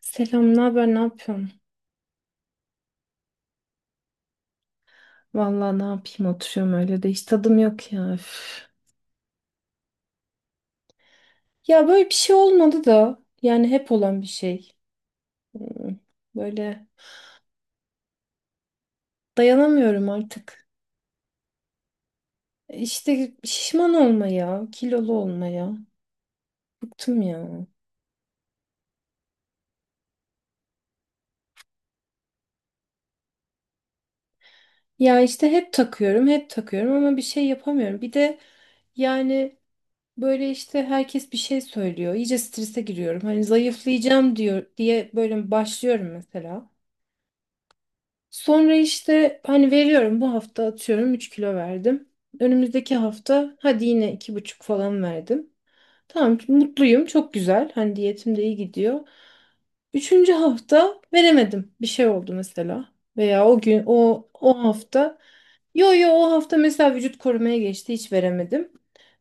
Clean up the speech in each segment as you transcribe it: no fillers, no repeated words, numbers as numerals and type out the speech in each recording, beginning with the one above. Selam, ne haber, ne yapıyorsun? Vallahi ne yapayım oturuyorum öyle de hiç tadım yok ya. Üf. Ya böyle bir şey olmadı da yani hep olan bir şey. Hmm, Böyle dayanamıyorum artık. İşte şişman olmaya, kilolu olmaya bıktım ya. Ya işte hep takıyorum, hep takıyorum ama bir şey yapamıyorum. Bir de yani böyle işte herkes bir şey söylüyor. İyice strese giriyorum. Hani zayıflayacağım diyor diye böyle başlıyorum mesela. Sonra işte hani veriyorum bu hafta atıyorum 3 kilo verdim. Önümüzdeki hafta hadi yine 2,5 falan verdim. Tamam mutluyum çok güzel hani diyetim de iyi gidiyor. Üçüncü hafta veremedim bir şey oldu mesela. Veya o gün o hafta yo yo o hafta mesela vücut korumaya geçti hiç veremedim.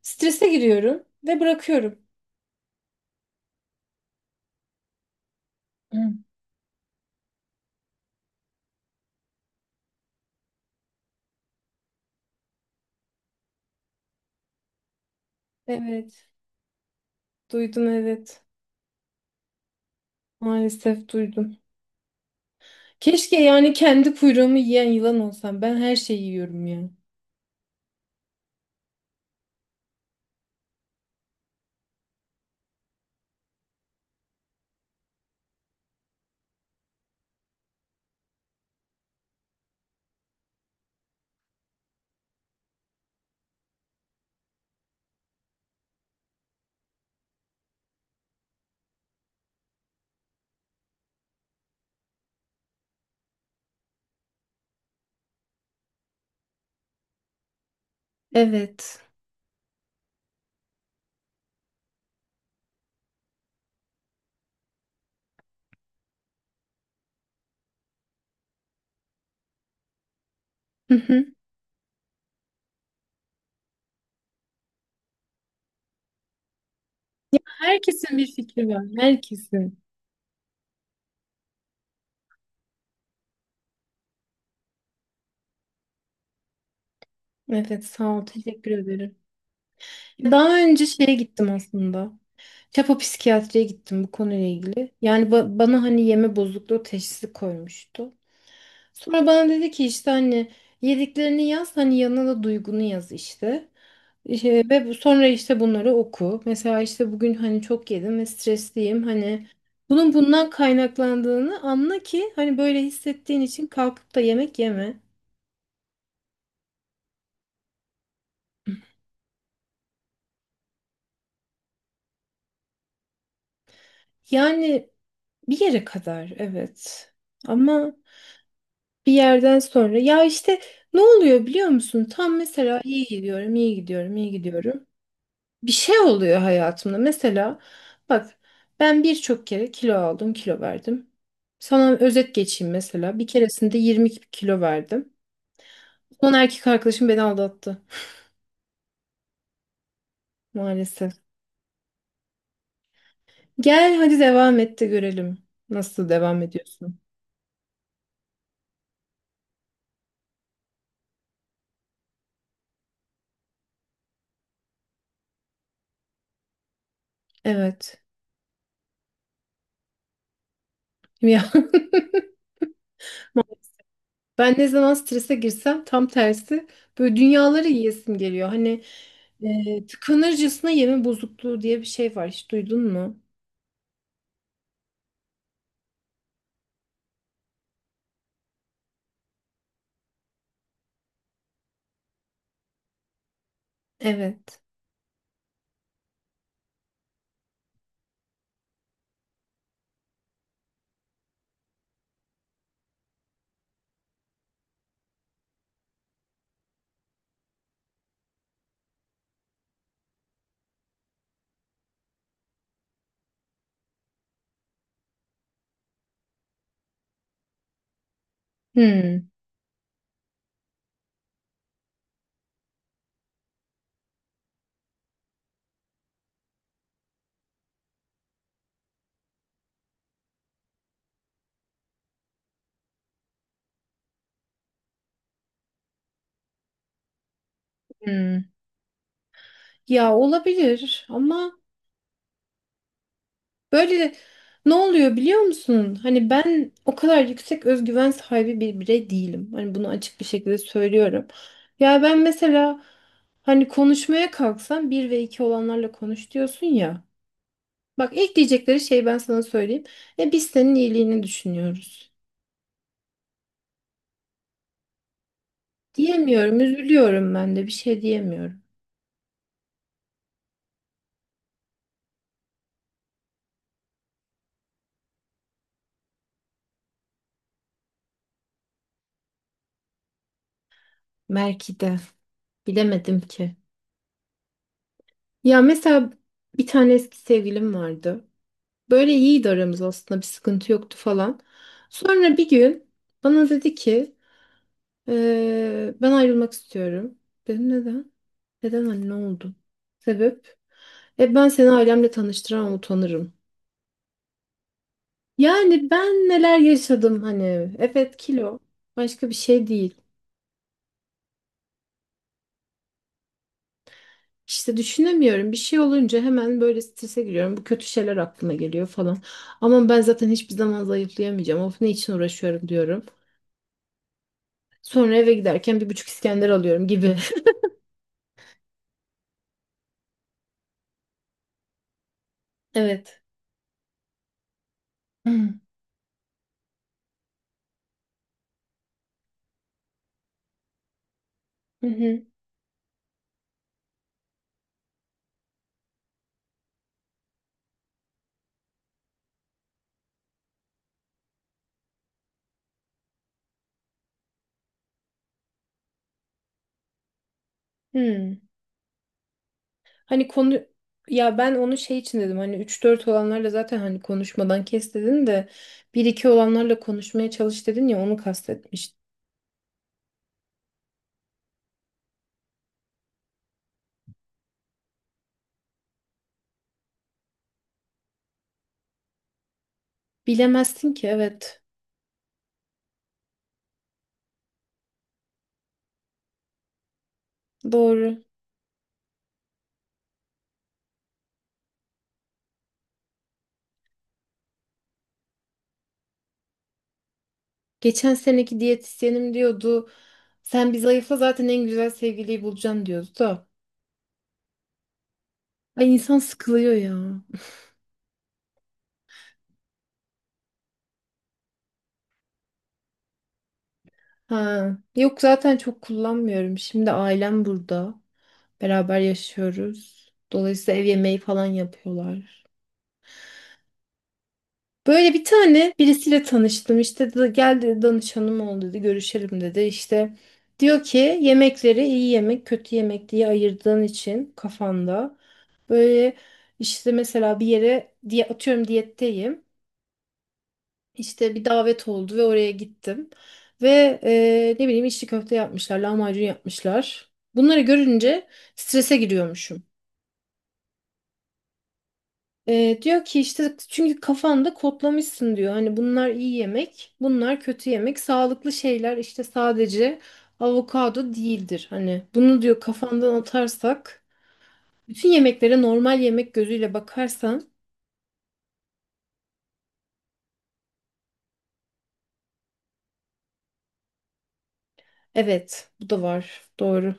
Strese giriyorum ve bırakıyorum. Hmm. Evet duydum evet maalesef duydum. Keşke yani kendi kuyruğumu yiyen yılan olsam. Ben her şeyi yiyorum ya. Evet. Hı hı. Herkesin bir fikri var. Herkesin. Evet sağ ol. Teşekkür ederim. Daha önce şeye gittim aslında. Çapa psikiyatriye gittim bu konuyla ilgili. Yani bana hani yeme bozukluğu teşhisi koymuştu. Sonra bana dedi ki işte hani yediklerini yaz hani yanına da duygunu yaz işte. İşte ve sonra işte bunları oku. Mesela işte bugün hani çok yedim ve stresliyim. Hani bunun bundan kaynaklandığını anla ki hani böyle hissettiğin için kalkıp da yemek yeme. Yani bir yere kadar evet. Ama bir yerden sonra ya işte ne oluyor biliyor musun? Tam mesela iyi gidiyorum, iyi gidiyorum, iyi gidiyorum. Bir şey oluyor hayatımda. Mesela bak ben birçok kere kilo aldım, kilo verdim. Sana özet geçeyim mesela. Bir keresinde 20 kilo verdim. Son erkek arkadaşım beni aldattı maalesef. Gel hadi devam et de görelim. Nasıl devam ediyorsun? Evet. Ya ben ne zaman strese girsem tam tersi böyle dünyaları yiyesim geliyor. Hani tıkanırcasına yeme bozukluğu diye bir şey var. Hiç duydun mu? Evet. Hmm. Hmm. Ya olabilir ama böyle ne oluyor biliyor musun? Hani ben o kadar yüksek özgüven sahibi bir birey değilim. Hani bunu açık bir şekilde söylüyorum. Ya ben mesela hani konuşmaya kalksam bir ve iki olanlarla konuş diyorsun ya. Bak ilk diyecekleri şey ben sana söyleyeyim. E biz senin iyiliğini düşünüyoruz. Diyemiyorum, üzülüyorum ben de bir şey diyemiyorum. Belki de bilemedim ki. Ya mesela bir tane eski sevgilim vardı. Böyle iyiydi aramız aslında bir sıkıntı yoktu falan. Sonra bir gün bana dedi ki Ben ayrılmak istiyorum. Dedim neden? Neden anne ne oldu? Sebep? E ben seni ailemle tanıştıramam utanırım. Yani ben neler yaşadım hani. Evet kilo başka bir şey değil. İşte düşünemiyorum. Bir şey olunca hemen böyle strese giriyorum. Bu kötü şeyler aklıma geliyor falan. Ama ben zaten hiçbir zaman zayıflayamayacağım. Of ne için uğraşıyorum diyorum. Sonra eve giderken 1,5 İskender alıyorum gibi. Evet. Hmm. Hı hı. Hmm. Hani konu ya ben onu şey için dedim hani üç dört olanlarla zaten hani konuşmadan kes dedin de bir iki olanlarla konuşmaya çalış dedin ya onu kastetmiş. Bilemezsin ki evet doğru. Geçen seneki diyetisyenim diyordu sen bir zayıfla zaten en güzel sevgiliyi bulacaksın diyordu da. Ay insan sıkılıyor ya. Ha. Yok zaten çok kullanmıyorum. Şimdi ailem burada. Beraber yaşıyoruz. Dolayısıyla ev yemeği falan yapıyorlar. Böyle bir tane birisiyle tanıştım. İşte geldi danışanım oldu dedi. Görüşelim dedi. İşte diyor ki yemekleri iyi yemek, kötü yemek diye ayırdığın için kafanda böyle işte mesela bir yere diye atıyorum diyetteyim. İşte bir davet oldu ve oraya gittim. Ve ne bileyim içli köfte yapmışlar, lahmacun yapmışlar. Bunları görünce strese giriyormuşum. Diyor ki işte çünkü kafanda kodlamışsın diyor. Hani bunlar iyi yemek, bunlar kötü yemek. Sağlıklı şeyler işte sadece avokado değildir. Hani bunu diyor kafandan atarsak, bütün yemeklere normal yemek gözüyle bakarsan, evet, bu da var. Doğru.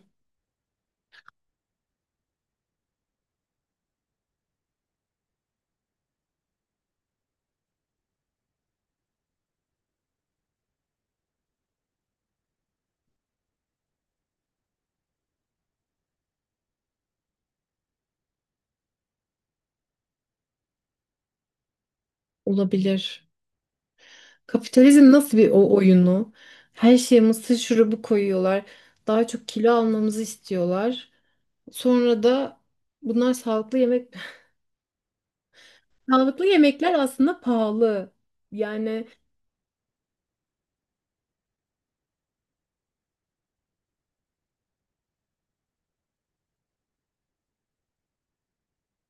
Olabilir. Kapitalizm nasıl bir o oyunu? Her şeye mısır şurubu koyuyorlar. Daha çok kilo almamızı istiyorlar. Sonra da bunlar sağlıklı yemek. Sağlıklı yemekler aslında pahalı. Yani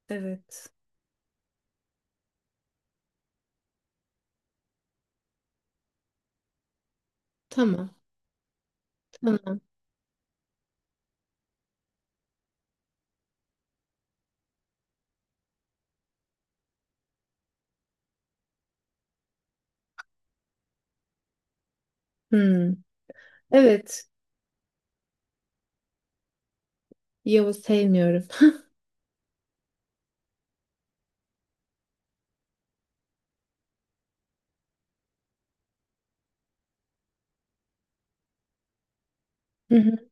evet. Tamam. Tamam. Hmm. Evet. Yavuz sevmiyorum. Hı hı.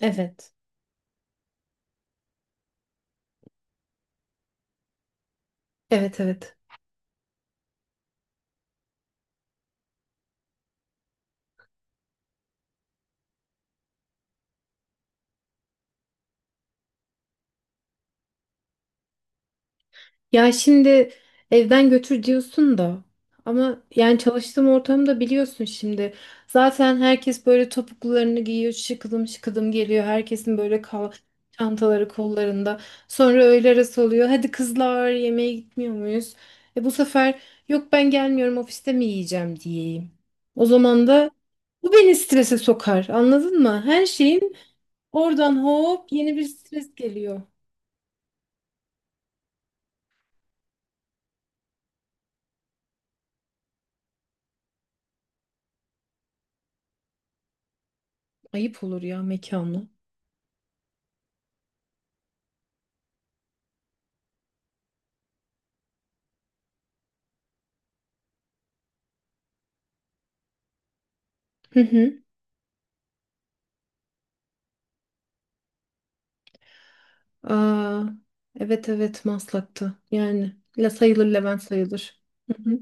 Evet. Evet evet. Ya şimdi evden götür diyorsun da ama yani çalıştığım ortamda biliyorsun şimdi zaten herkes böyle topuklularını giyiyor şıkıdım şıkıdım geliyor herkesin böyle kal çantaları kollarında sonra öğle arası oluyor hadi kızlar yemeğe gitmiyor muyuz? E bu sefer yok ben gelmiyorum ofiste mi yiyeceğim diyeyim. O zaman da bu beni strese sokar anladın mı? Her şeyin oradan hop yeni bir stres geliyor. Ayıp olur ya mekanla. Hı hı. Aa, evet evet Maslak'ta. Yani la sayılır Levent sayılır. Hı hı.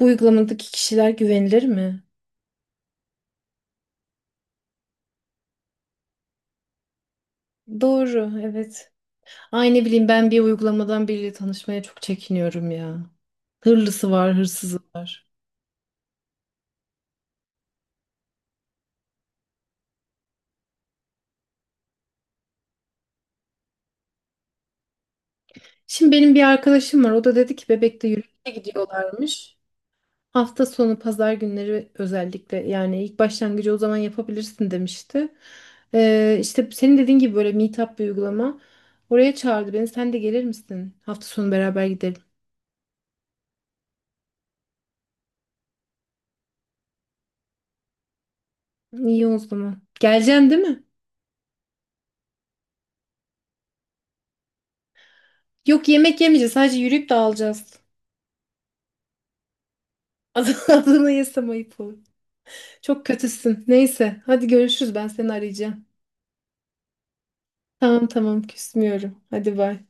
Bu uygulamadaki kişiler güvenilir mi? Doğru, evet. Ay ne bileyim ben bir uygulamadan biriyle tanışmaya çok çekiniyorum ya. Hırlısı var, hırsızı var. Şimdi benim bir arkadaşım var. O da dedi ki Bebek'te yürüyüşe gidiyorlarmış. Hafta sonu pazar günleri özellikle yani ilk başlangıcı o zaman yapabilirsin demişti. İşte senin dediğin gibi böyle meetup bir uygulama. Oraya çağırdı beni. Sen de gelir misin? Hafta sonu beraber gidelim. İyi o zaman. Geleceksin değil mi? Yok yemek yemeyeceğiz. Sadece yürüyüp dağılacağız. Adını yesem ayıp olur. Çok kötüsün. Neyse. Hadi görüşürüz. Ben seni arayacağım. Tamam tamam küsmüyorum. Hadi bay.